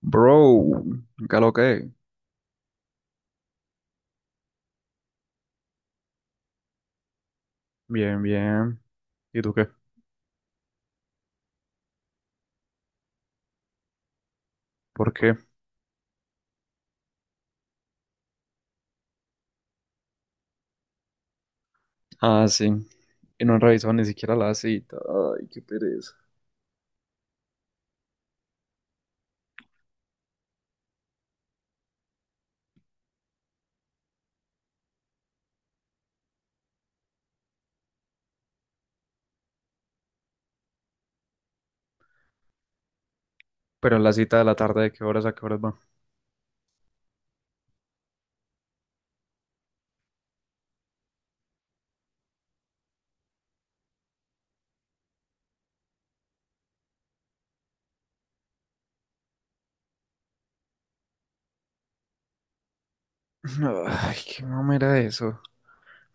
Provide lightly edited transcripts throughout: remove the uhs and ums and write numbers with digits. Bro, ¿qué lo que? Bien, bien. ¿Y tú qué? ¿Por qué? Ah, sí. Y no han revisado ni siquiera la cita. Ay, qué pereza. Pero en la cita de la tarde, ¿de qué horas a qué horas va? Ay, qué mamera eso.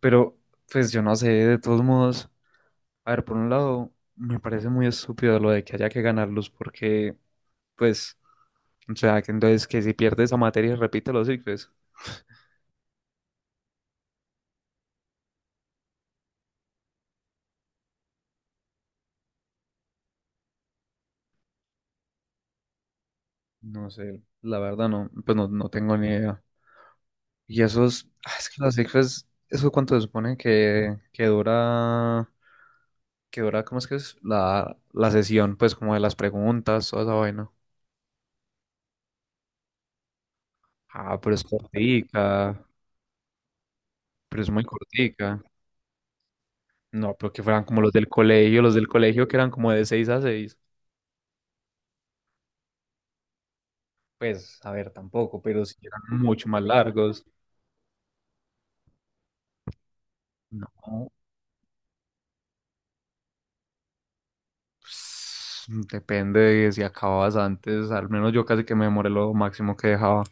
Pero, pues yo no sé, de todos modos. A ver, por un lado, me parece muy estúpido lo de que haya que ganarlos, porque, pues, o sea, que entonces que si pierdes esa materia, repite los pues. No sé, la verdad no, pues no, no tengo ni idea. Y esos, ah, es que las cifras, ¿eso cuánto se supone que dura, que dura, ¿cómo es que es? La sesión, pues como de las preguntas, toda esa vaina. Ah, pero es cortica, pero es muy cortica. No, pero que fueran como los del colegio que eran como de 6 a 6. Pues, a ver, tampoco, pero sí eran mucho más largos. No, pues, depende de si acababas antes, al menos yo casi que me demoré lo máximo que dejaba.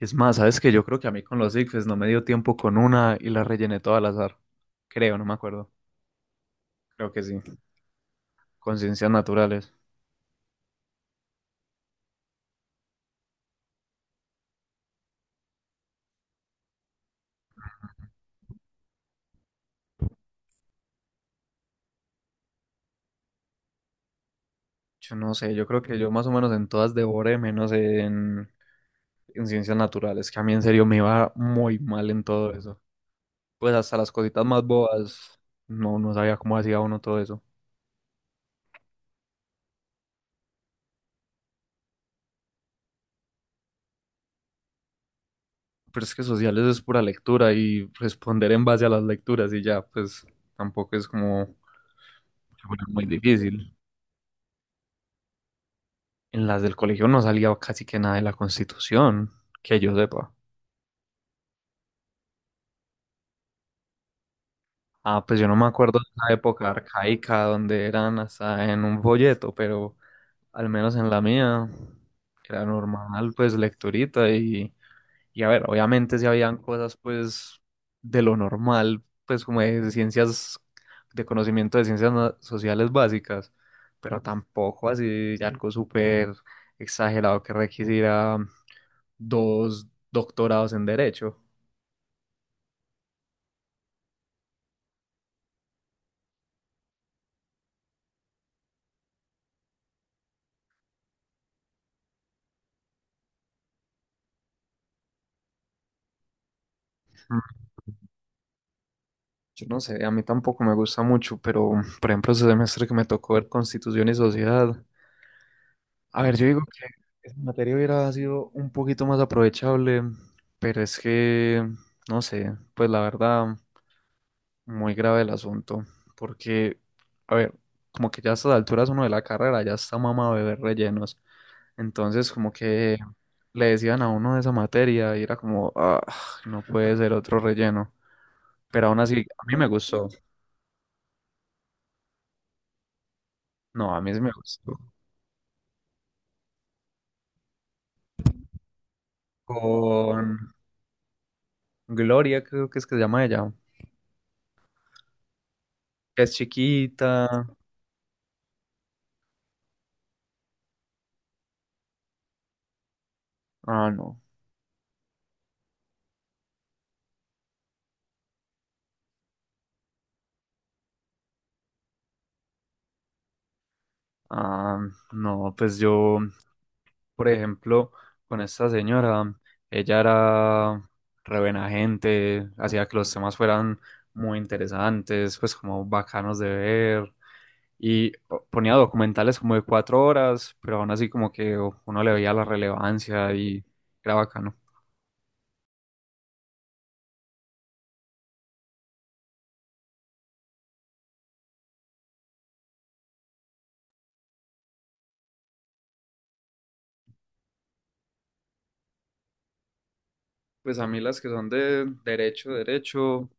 Es más, sabes que yo creo que a mí con los ICFES no me dio tiempo con una y la rellené toda al azar. Creo, no me acuerdo. Creo que sí. Con ciencias naturales. Yo no sé, yo creo que yo más o menos en todas devoré, menos en ciencias naturales, que a mí en serio me iba muy mal en todo eso. Pues hasta las cositas más bobas, no, no sabía cómo hacía uno todo eso. Pero es que sociales es pura lectura y responder en base a las lecturas y ya, pues tampoco es como que fuera muy difícil. En las del colegio no salía casi que nada de la Constitución, que yo sepa. Ah, pues yo no me acuerdo de esa época arcaica donde eran hasta en un folleto, pero al menos en la mía era normal, pues lecturita y a ver, obviamente si habían cosas pues de lo normal, pues como de ciencias, de conocimiento de ciencias na- sociales básicas, pero tampoco así algo súper exagerado que requisiera dos doctorados en derecho. Mm, yo no sé, a mí tampoco me gusta mucho, pero por ejemplo, ese semestre que me tocó ver Constitución y Sociedad, a ver, yo digo que esa materia hubiera sido un poquito más aprovechable, pero es que, no sé, pues la verdad, muy grave el asunto, porque, a ver, como que ya a estas alturas uno de la carrera ya está mamado de ver rellenos, entonces como que le decían a uno de esa materia y era como, ah, no puede ser otro relleno, pero aún así, a mí me gustó, no, a mí sí me gustó. Con Gloria, creo que es que se llama ella, que es chiquita. Ah, no. Ah, no, pues yo, por ejemplo, con esta señora, ella era re buena gente, hacía que los temas fueran muy interesantes, pues como bacanos de ver. Y po- ponía documentales como de 4 horas, pero aún así como que uno le veía la relevancia y era bacano. Pues a mí las que son de derecho, derecho,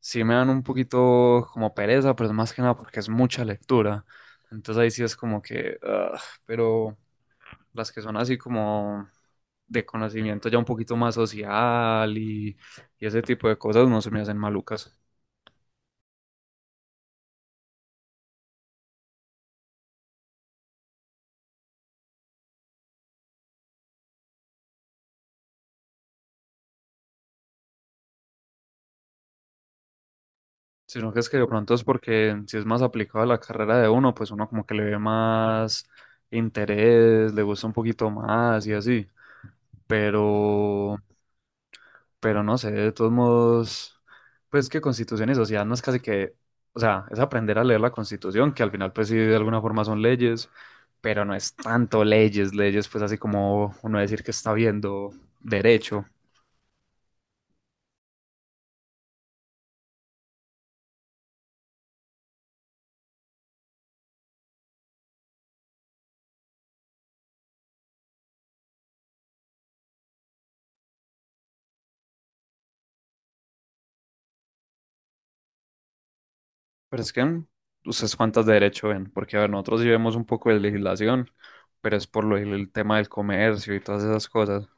sí me dan un poquito como pereza, pero es más que nada porque es mucha lectura. Entonces ahí sí es como que, ah, pero las que son así como de conocimiento ya un poquito más social y ese tipo de cosas no se me hacen malucas. Sino que es que de pronto es porque si es más aplicado a la carrera de uno, pues uno como que le ve más interés, le gusta un poquito más y así. Pero Pero no sé, de todos modos, pues que Constitución y sociedad no es casi que, o sea, es aprender a leer la Constitución, que al final pues sí de alguna forma son leyes, pero no es tanto leyes, leyes pues así como uno decir que está viendo derecho. Pero es que mm, ustedes cuántas de derecho ven, porque a ver, nosotros sí vemos un poco de legislación, pero es por lo, el tema del comercio y todas esas cosas.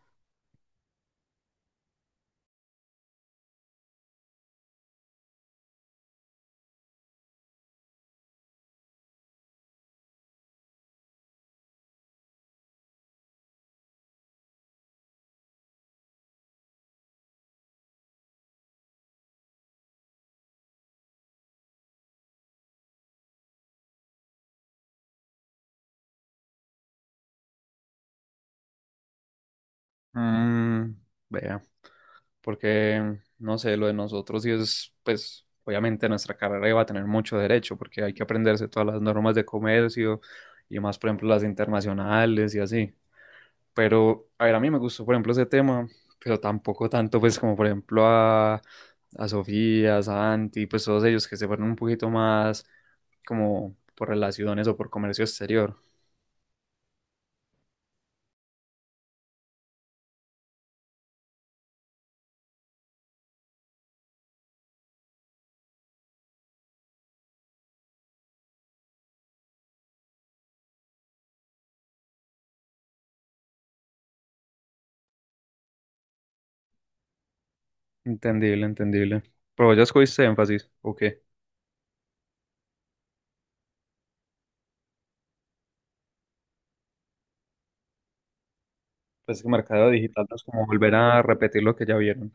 Mm, vea. Porque, no sé, lo de nosotros sí es, pues, obviamente nuestra carrera iba a tener mucho derecho, porque hay que aprenderse todas las normas de comercio y más, por ejemplo, las internacionales y así. Pero, a ver, a mí me gustó, por ejemplo, ese tema, pero tampoco tanto, pues, como por ejemplo a Sofía, a Santi, pues todos ellos que se fueron un poquito más como por relaciones o por comercio exterior. Entendible, entendible. Pero ya escogiste énfasis, ¿o qué? Pues que mercado digital no es como volver a repetir lo que ya vieron.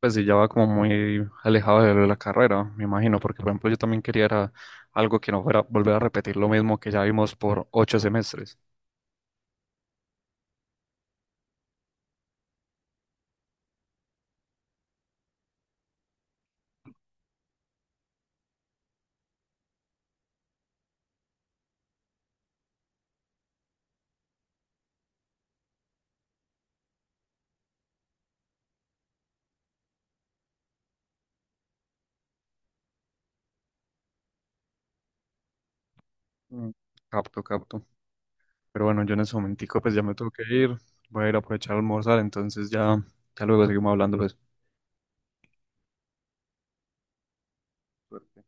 Pues sí, ya va como muy alejado de la carrera, me imagino, porque por ejemplo yo también quería era algo que no fuera volver a repetir lo mismo que ya vimos por 8 semestres. Mm, capto, capto. Pero bueno, yo en ese momentico pues ya me tengo que ir, voy a ir a aprovechar a almorzar, entonces ya, ya luego seguimos hablando pues.